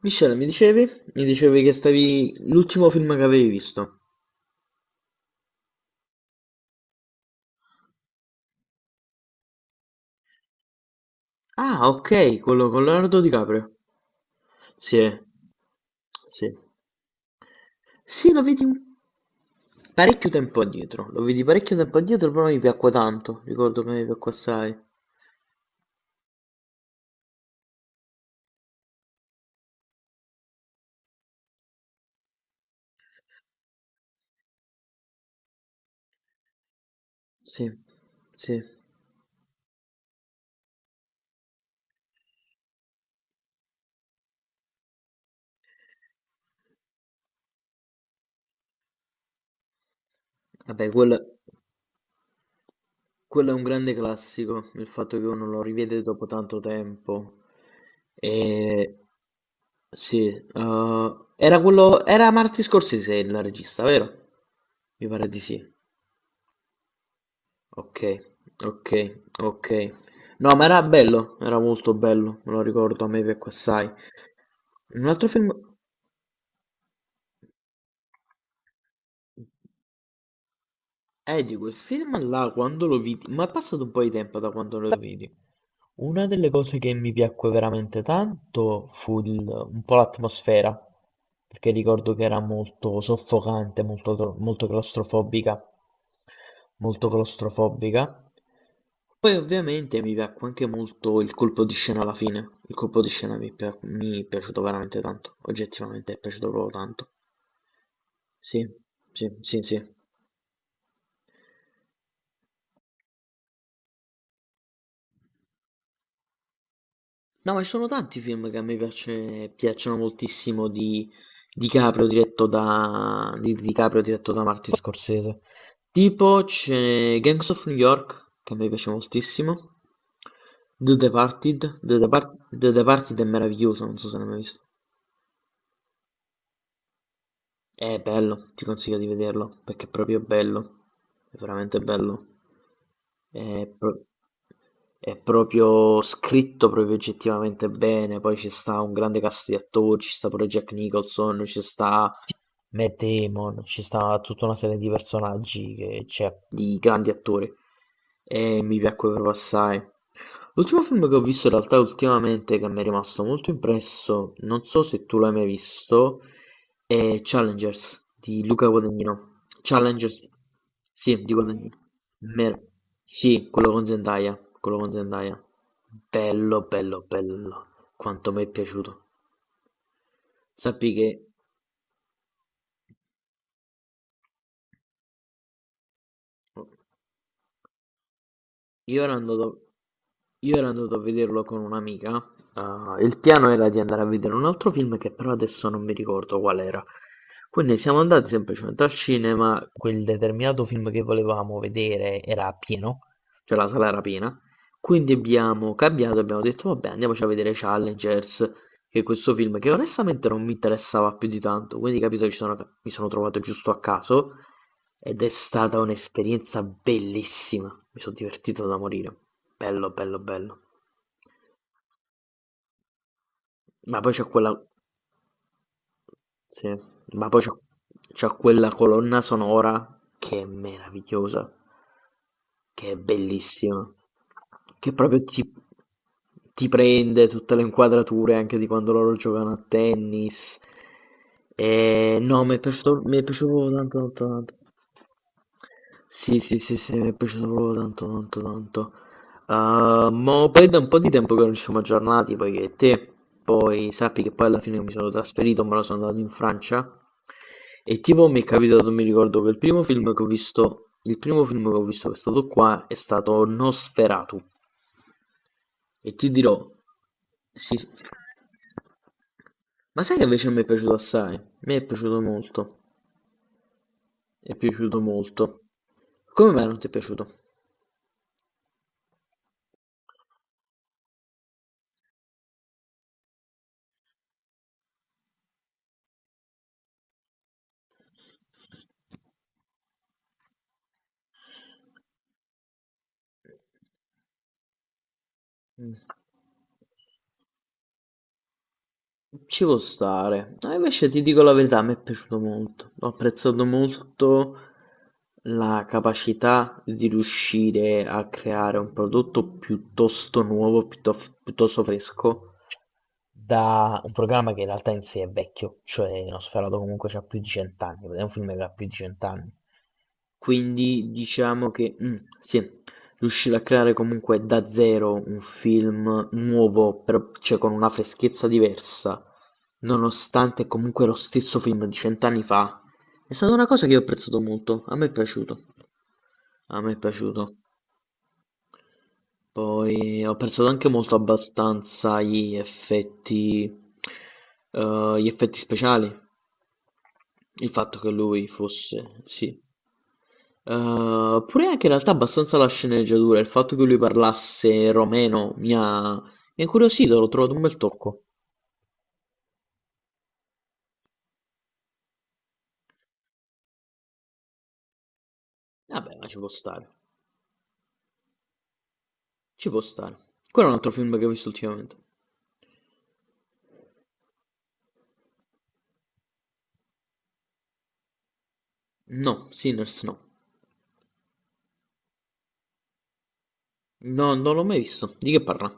Michele, mi dicevi? Mi dicevi che stavi... l'ultimo film che avevi visto. Ah, ok, quello con Leonardo DiCaprio. Sì, sì. Sì, lo vedi un... parecchio tempo addietro. Lo vedi parecchio tempo addietro, però mi piacque tanto. Ricordo che mi piacque assai. Sì, sì. Vabbè, quello... Quello è un grande classico, il fatto che uno lo rivede dopo tanto tempo. E... Sì, era quello... Era Martin Scorsese il regista, vero? Mi pare di sì. Ok, ok, ok. No, ma era bello, era molto bello, me lo ricordo, a me piacque assai. Un altro film... Dico, il film là, quando lo vidi... Ma è passato un po' di tempo da quando lo vidi. Una delle cose che mi piacque veramente tanto fu un po' l'atmosfera, perché ricordo che era molto soffocante, molto, molto claustrofobica, molto claustrofobica. Poi ovviamente mi piacque anche molto il colpo di scena alla fine, il colpo di scena mi è piaciuto veramente tanto, oggettivamente è piaciuto proprio tanto. Sì, sì, sì, sì. No, ma ci sono tanti film che a me piacciono moltissimo di DiCaprio di DiCaprio diretto da Martin Scorsese. Tipo c'è Gangs of New York, che a me piace moltissimo. The Departed, The Departed è meraviglioso, non so se l'hai mai visto. È bello, ti consiglio di vederlo, perché è proprio bello, è veramente bello. È, pro- è proprio scritto proprio oggettivamente bene, poi ci sta un grande cast di attori, ci sta pure Jack Nicholson, ci sta Matt Damon, ci sta tutta una serie di personaggi che c'è di grandi attori e mi piacquero assai. L'ultimo film che ho visto in realtà ultimamente che mi è rimasto molto impresso, non so se tu l'hai mai visto, è Challengers di Luca Guadagnino. Challengers, sì, di Guadagnino. Mer- sì, quello con Zendaya, quello con Zendaya. Bello, bello, bello. Quanto mi è piaciuto. Sappi che Io ero andato, io ero andato a vederlo con un'amica. Il piano era di andare a vedere un altro film che però adesso non mi ricordo qual era. Quindi siamo andati semplicemente al cinema, quel determinato film che volevamo vedere era pieno, cioè la sala era piena. Quindi abbiamo cambiato, abbiamo detto vabbè andiamoci a vedere Challengers, che questo film, che onestamente non mi interessava più di tanto, quindi capito, mi sono trovato giusto a caso ed è stata un'esperienza bellissima, mi sono divertito da morire, bello, bello, bello. Ma poi c'è quella Sì, ma poi c'ha quella colonna sonora che è meravigliosa, che è bellissima, che ti prende tutte le inquadrature anche di quando loro giocano a tennis. E no, mi è piaciuto proprio tanto, tanto, tanto. Sì, sì, sì, sì, mi è piaciuto proprio tanto, tanto, tanto. Mo poi da un po' di tempo che non ci siamo aggiornati, poi sappi che poi alla fine mi sono trasferito, me lo sono andato in Francia e tipo mi è capitato, mi ricordo che il primo film che ho visto che è stato qua è stato Nosferatu e ti dirò, sì, sì. Ma sai che invece mi è piaciuto assai? Mi è piaciuto molto, è piaciuto molto. Come mai non ti è piaciuto? Mm. Ci può stare. No, invece ti dico la verità, mi è piaciuto molto. Ho apprezzato molto la capacità di riuscire a creare un prodotto piuttosto nuovo, piuttosto fresco, da un programma che in realtà in sé è vecchio, cioè Nosferatu comunque ha più di cent'anni, è un film che ha più di cent'anni. Quindi diciamo che sì, riusciva a creare comunque da zero un film nuovo, però cioè con una freschezza diversa, nonostante comunque lo stesso film di cent'anni fa. È stata una cosa che io ho apprezzato molto, a me è piaciuto, a me è piaciuto. Poi ho apprezzato anche molto abbastanza gli effetti speciali, il fatto che lui fosse, sì. Pure anche in realtà abbastanza la sceneggiatura, il fatto che lui parlasse romeno mi ha incuriosito, l'ho trovato un bel tocco. Vabbè, ma ci può stare, ci può stare. Quello è un altro film che ho visto ultimamente. No, Sinners no. No, non l'ho mai visto. Di che parla?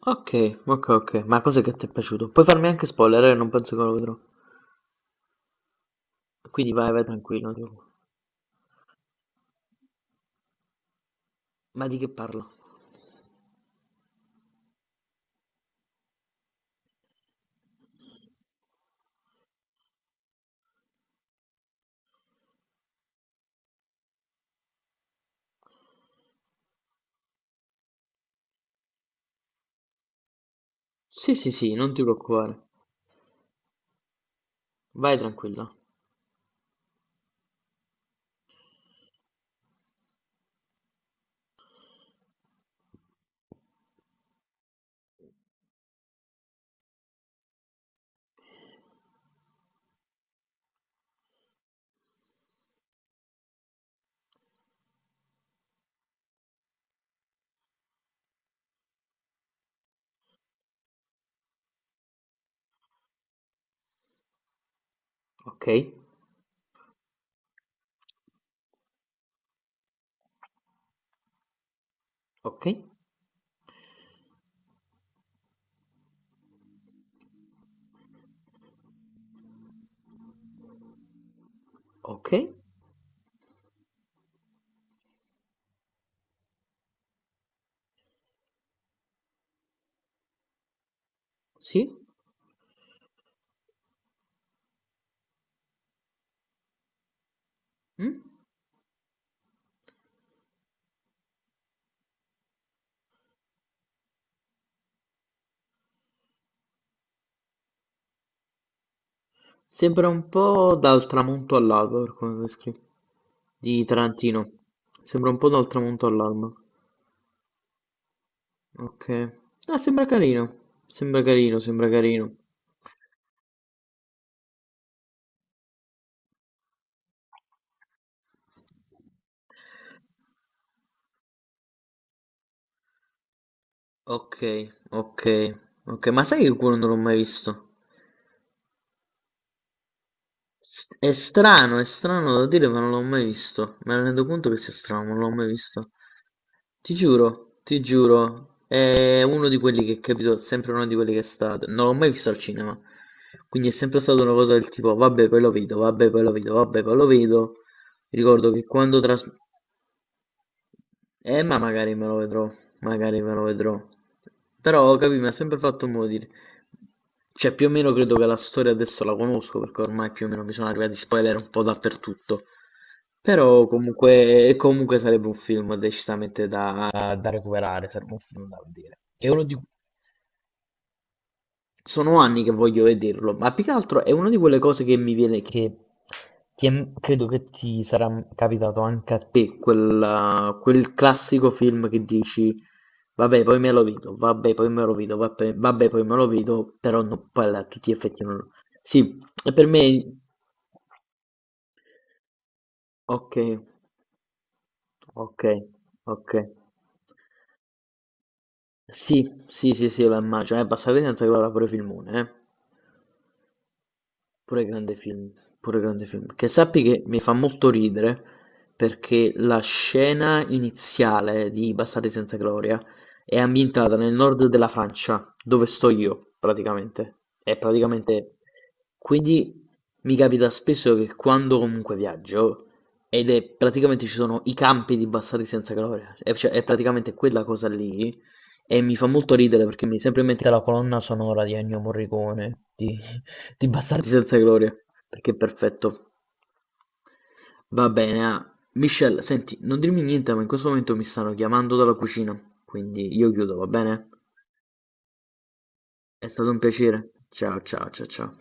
Ok, ok, ok. Ma cos'è che ti è piaciuto? Puoi farmi anche spoiler, eh? Non penso che lo vedrò. Quindi vai, vai tranquillo. Non ti preoccupare. Ma di che parla? Sì, sì, sì, non ti preoccupare. Vai tranquilla. Ok, ok, ok. Sì? Mm? Sembra un po' dal tramonto all'alba per come lo descrivi. Di Tarantino. Sembra un po' dal tramonto all'alba. Okay. Ah, sembra carino. Sembra carino, sembra carino. Okay, okay, okay. Ma sai che quello non l'ho mai visto? È strano da dire ma non l'ho mai visto. Me ne rendo conto che sia strano, ma non l'ho mai visto. Ti giuro, è uno di quelli che capito, sempre uno di quelli che è stato. Non l'ho mai visto al cinema. Quindi è sempre stata una cosa del tipo, vabbè, poi lo vedo, vabbè, poi lo vedo, vabbè, poi lo vedo. Ricordo che quando tras- Ma magari me lo vedrò, magari me lo vedrò. Però, capì, mi ha sempre fatto mo' dire. Cioè, più o meno credo che la storia adesso la conosco, perché ormai più o meno mi sono arrivati spoiler un po' dappertutto. Però comunque, e comunque sarebbe un film decisamente da, da recuperare, sarebbe un film da vedere. Sono anni che voglio vederlo, ma più che altro è una di quelle cose che mi viene che credo che ti sarà capitato anche a te, quel classico film che dici vabbè poi me lo vedo, vabbè poi me lo vedo, vabbè, vabbè, poi me lo vedo, però no, poi a tutti gli effetti non lo... Sì, e per me... Ok, ok, ok. Sì, sì, sì, sì, lo immagino, è abbastanza senza che l'avrà pure filmone, eh. Pure grande film, pure grande film. Che sappi che mi fa molto ridere perché la scena iniziale di Bastardi senza gloria è ambientata nel nord della Francia, dove sto io, praticamente. È praticamente... Quindi mi capita spesso che quando comunque viaggio, ed è praticamente ci sono i campi di Bastardi senza gloria, è, cioè, è praticamente quella cosa lì, e mi fa molto ridere perché mi viene sempre in mente la colonna sonora di Ennio Morricone, di Bastardi senza gloria, perché è perfetto. Va bene, ah. Michelle, senti, non dirmi niente, ma in questo momento mi stanno chiamando dalla cucina, quindi io chiudo, va bene? È stato un piacere. Ciao, ciao, ciao, ciao.